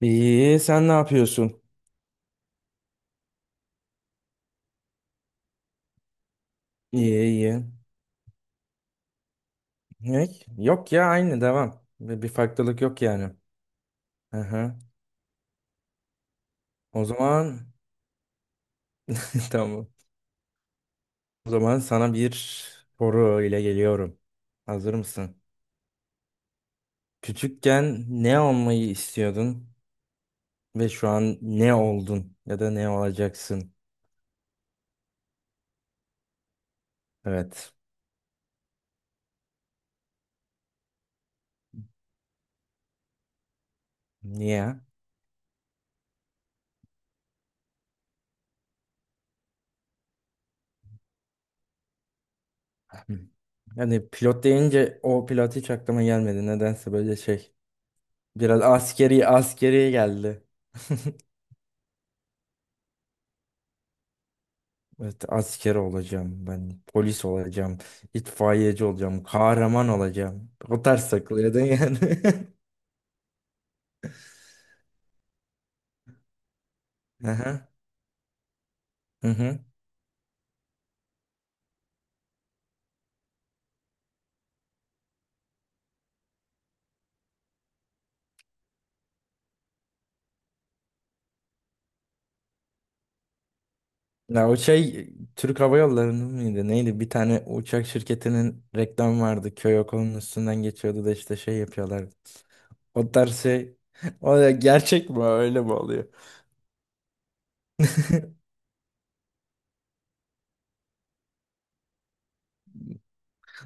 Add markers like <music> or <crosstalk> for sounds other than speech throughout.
İyi, sen ne yapıyorsun? İyi, iyi. Ne? Yok ya aynı devam. Bir farklılık yok yani. Hı. O zaman <laughs> tamam. O zaman sana bir soru ile geliyorum. Hazır mısın? Küçükken ne olmayı istiyordun ve şu an ne oldun ya da ne olacaksın? Evet. Niye? Hı. Yani pilot deyince o pilot hiç aklıma gelmedi. Nedense böyle şey. Biraz askeri geldi. <laughs> Evet, asker olacağım ben, polis olacağım, itfaiyeci olacağım, kahraman olacağım. O tarz takılıyordun yani. <laughs> Hı hı. Hı hı. Ya o şey Türk Hava Yolları'nın mıydı? Neydi? Bir tane uçak şirketinin reklamı vardı. Köy okulunun üstünden geçiyordu da işte şey yapıyorlardı. O tarz şey. <laughs> O da gerçek mi? Öyle mi oluyor? <laughs>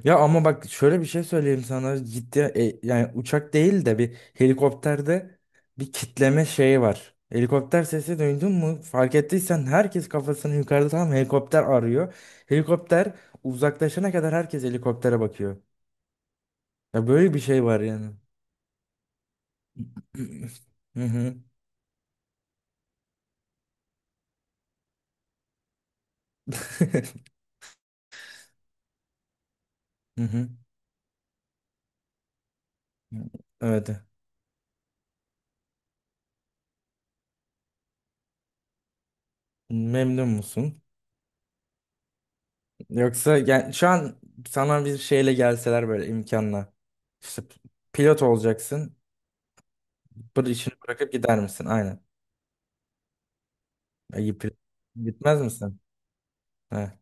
Ya ama bak şöyle bir şey söyleyeyim sana ciddi yani uçak değil de bir helikopterde bir kitleme şeyi var. Helikopter sesi duydun mu? Fark ettiysen herkes kafasını yukarıda tam helikopter arıyor. Helikopter uzaklaşana kadar herkes helikoptere bakıyor. Ya böyle bir şey var yani. <clears throat> Hı hı. <laughs> Hı hı. Evet. Memnun musun? Yoksa yani şu an sana bir şeyle gelseler böyle imkanla. İşte pilot olacaksın. Bu işini bırakıp gider misin? Aynen. Ayıp. Gitmez misin? Ha.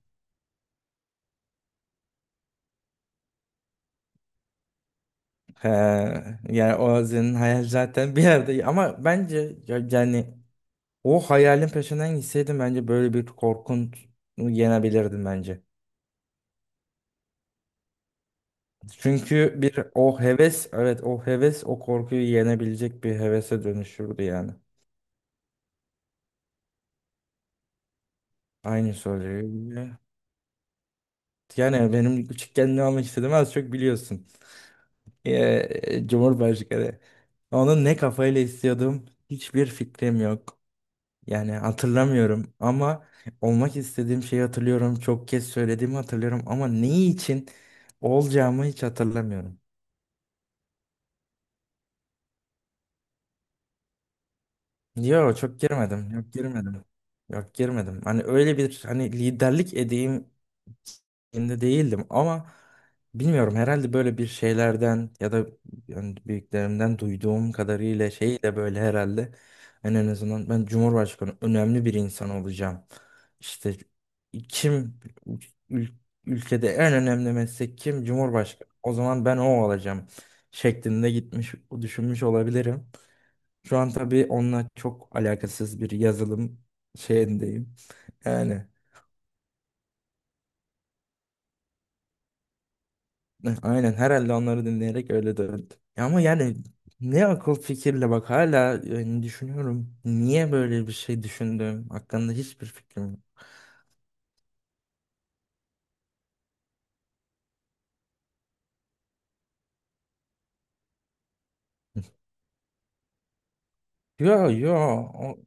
He. Yani o senin hayal zaten bir yerde ama bence yani o hayalin peşinden gitseydim bence böyle bir korkun yenebilirdim bence. Çünkü bir o heves evet o heves o korkuyu yenebilecek bir hevese dönüşürdü yani. Aynı soruyu. Yani benim küçükken ne olmak istediğimi az çok biliyorsun. Cumhurbaşkanı. Onu ne kafayla istiyordum hiçbir fikrim yok. Yani hatırlamıyorum ama olmak istediğim şeyi hatırlıyorum. Çok kez söylediğimi hatırlıyorum ama neyi için olacağımı hiç hatırlamıyorum. Yok çok girmedim. Yok girmedim. Yok girmedim. Hani öyle bir hani liderlik edeyim. Şimdi değildim ama bilmiyorum herhalde böyle bir şeylerden ya da yani büyüklerimden duyduğum kadarıyla şeyle böyle herhalde ben en azından ben Cumhurbaşkanı önemli bir insan olacağım. İşte kim ül- ülkede en önemli meslek kim? Cumhurbaşkanı. O zaman ben o olacağım şeklinde gitmiş düşünmüş olabilirim. Şu an tabii onunla çok alakasız bir yazılım şeyindeyim. Yani aynen herhalde onları dinleyerek öyle döndü. Ya ama yani ne akıl fikirle bak hala yani düşünüyorum. Niye böyle bir şey düşündüm? Hakkında hiçbir fikrim yok. Yo yo o-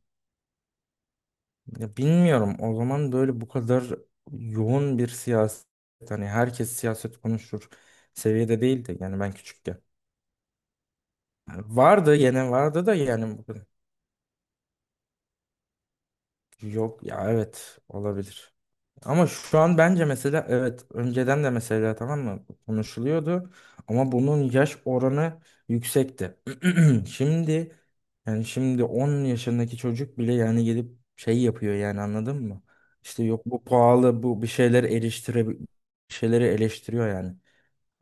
ya bilmiyorum. O zaman böyle bu kadar yoğun bir siyaset hani herkes siyaset konuşur seviyede değildi. Yani ben küçükken. Vardı yine vardı da yani bu- yok ya evet olabilir. Ama şu an bence mesela evet önceden de mesela tamam mı konuşuluyordu ama bunun yaş oranı yüksekti. <clears throat> Şimdi yani şimdi 10 yaşındaki çocuk bile yani gelip şey yapıyor yani anladın mı? İşte yok bu pahalı bu bir şeyler eleştire bir şeyleri eleştiriyor yani.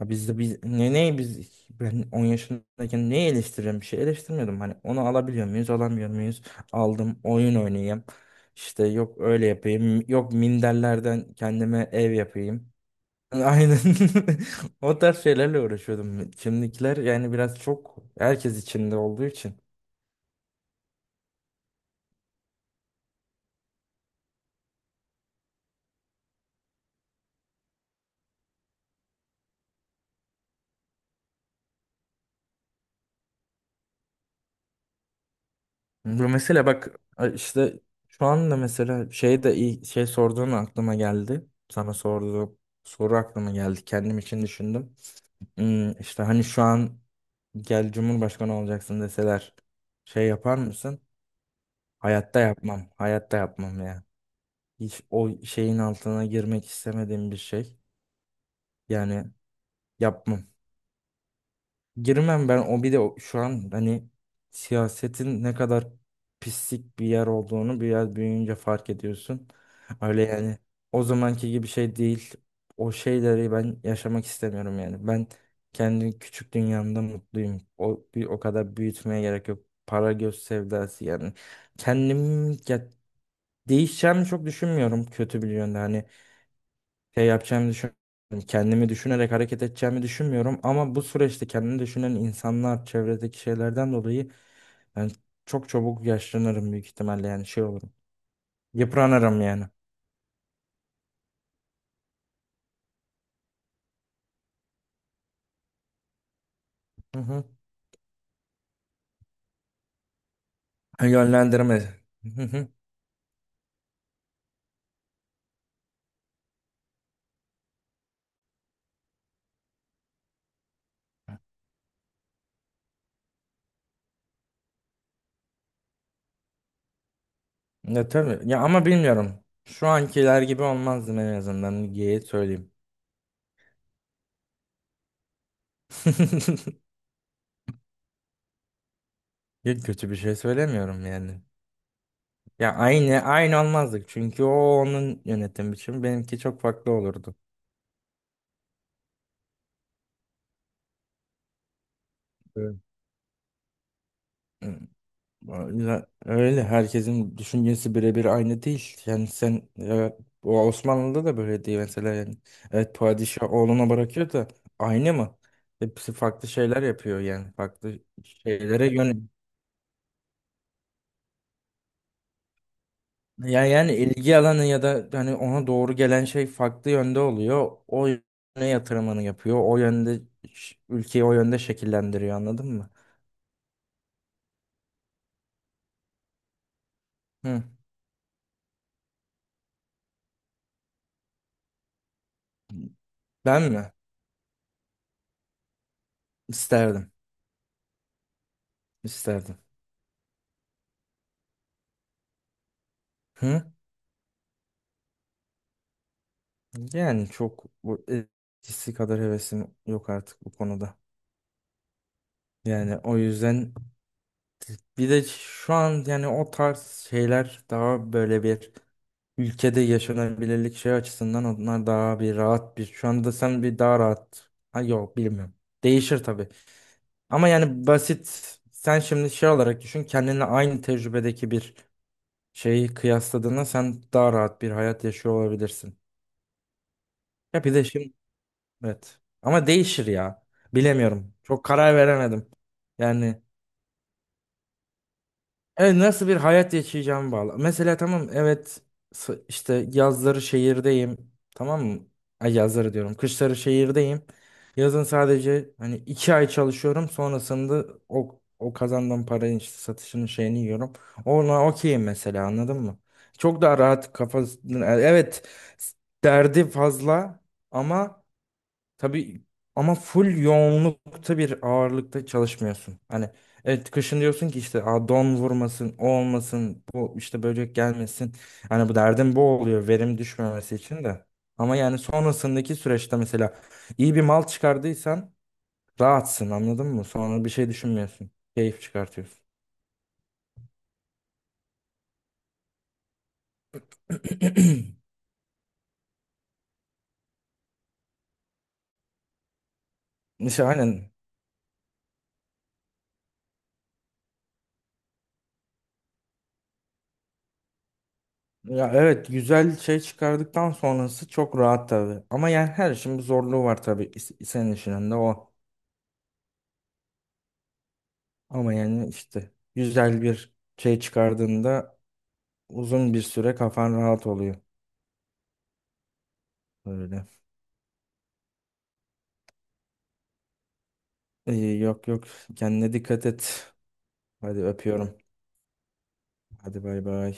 Ya biz de biz ne ne biz ben 10 yaşındayken neyi eleştiriyorum bir şey eleştirmiyordum hani onu alabiliyor muyuz alamıyor muyuz aldım oyun oynayayım işte yok öyle yapayım yok minderlerden kendime ev yapayım aynen <laughs> o tarz şeylerle uğraşıyordum şimdikiler yani biraz çok herkes içinde olduğu için bu mesela bak işte şu anda mesela şey de iyi şey sorduğun aklıma geldi sana sorduğum soru aklıma geldi kendim için düşündüm. İşte hani şu an gel Cumhurbaşkanı olacaksın deseler şey yapar mısın? Hayatta yapmam. Hayatta yapmam ya. Hiç o şeyin altına girmek istemediğim bir şey. Yani yapmam. Girmem ben o bir de o- şu an hani siyasetin ne kadar pislik bir yer olduğunu biraz büyüyünce fark ediyorsun. Öyle yani o zamanki gibi şey değil. O şeyleri ben yaşamak istemiyorum yani. Ben kendi küçük dünyamda mutluyum. O bir o kadar büyütmeye gerek yok. Para göz sevdası yani. Kendim ya değişeceğimi çok düşünmüyorum kötü bir yönde. Hani şey yapacağımı düşünmüyorum. Kendimi düşünerek hareket edeceğimi düşünmüyorum. Ama bu süreçte kendini düşünen insanlar, çevredeki şeylerden dolayı ben çok çabuk yaşlanırım büyük ihtimalle yani şey olurum. Yıpranırım yani. Hı hı. Yönlendirme. Hı hı. Ya tabii. Ya ama bilmiyorum. Şu ankiler gibi olmazdım en azından. Geyi söyleyeyim. <laughs> Ya kötü bir şey söylemiyorum yani. Ya aynı olmazdık çünkü o onun yönetim biçimi benimki çok farklı olurdu. Evet. Ya öyle herkesin düşüncesi birebir aynı değil. Yani sen o Osmanlı'da da böyle değil mesela yani. Evet padişah oğluna bırakıyor da aynı mı? Hepsi farklı şeyler yapıyor yani farklı şeylere yön. Yani, yani ilgi alanı ya da hani ona doğru gelen şey farklı yönde oluyor. O yöne yatırımını yapıyor. O yönde ülkeyi o yönde şekillendiriyor anladın mı? Hı. Ben mi? İsterdim. İsterdim. Hı? Yani çok bu eskisi kadar hevesim yok artık bu konuda. Yani o yüzden bir de şu an yani o tarz şeyler daha böyle bir ülkede yaşanabilirlik şey açısından onlar daha bir rahat bir. Şu anda sen bir daha rahat. Ha yok bilmiyorum. Değişir tabii. Ama yani basit sen şimdi şey olarak düşün kendinle aynı tecrübedeki bir şeyi kıyasladığında sen daha rahat bir hayat yaşıyor olabilirsin. Ya bir de şimdi evet. Ama değişir ya. Bilemiyorum. Çok karar veremedim. Yani evet, nasıl bir hayat yaşayacağımı bağlı. Mesela tamam evet işte yazları şehirdeyim. Tamam mı? Ay yazları diyorum. Kışları şehirdeyim. Yazın sadece hani 2 ay çalışıyorum. Sonrasında o kazandığım paranın işte satışının şeyini yiyorum. Ona okeyim mesela anladın mı? Çok daha rahat kafası. Evet s- derdi fazla ama tabii ama full yoğunlukta bir ağırlıkta çalışmıyorsun. Hani evet kışın diyorsun ki işte "Aa, don vurmasın, o olmasın, bu işte böcek gelmesin." Hani bu derdim bu oluyor verim düşmemesi için de. Ama yani sonrasındaki süreçte mesela iyi bir mal çıkardıysan rahatsın anladın mı? Sonra bir şey düşünmüyorsun. Keyif çıkartıyorsun. İşte aynen. Ya evet güzel şey çıkardıktan sonrası çok rahat tabii. Ama yani her işin bir zorluğu var tabii senin işinin de o. Ama yani işte güzel bir şey çıkardığında uzun bir süre kafan rahat oluyor. Öyle. İyi, yok, kendine dikkat et. Hadi öpüyorum. Hadi bay bay.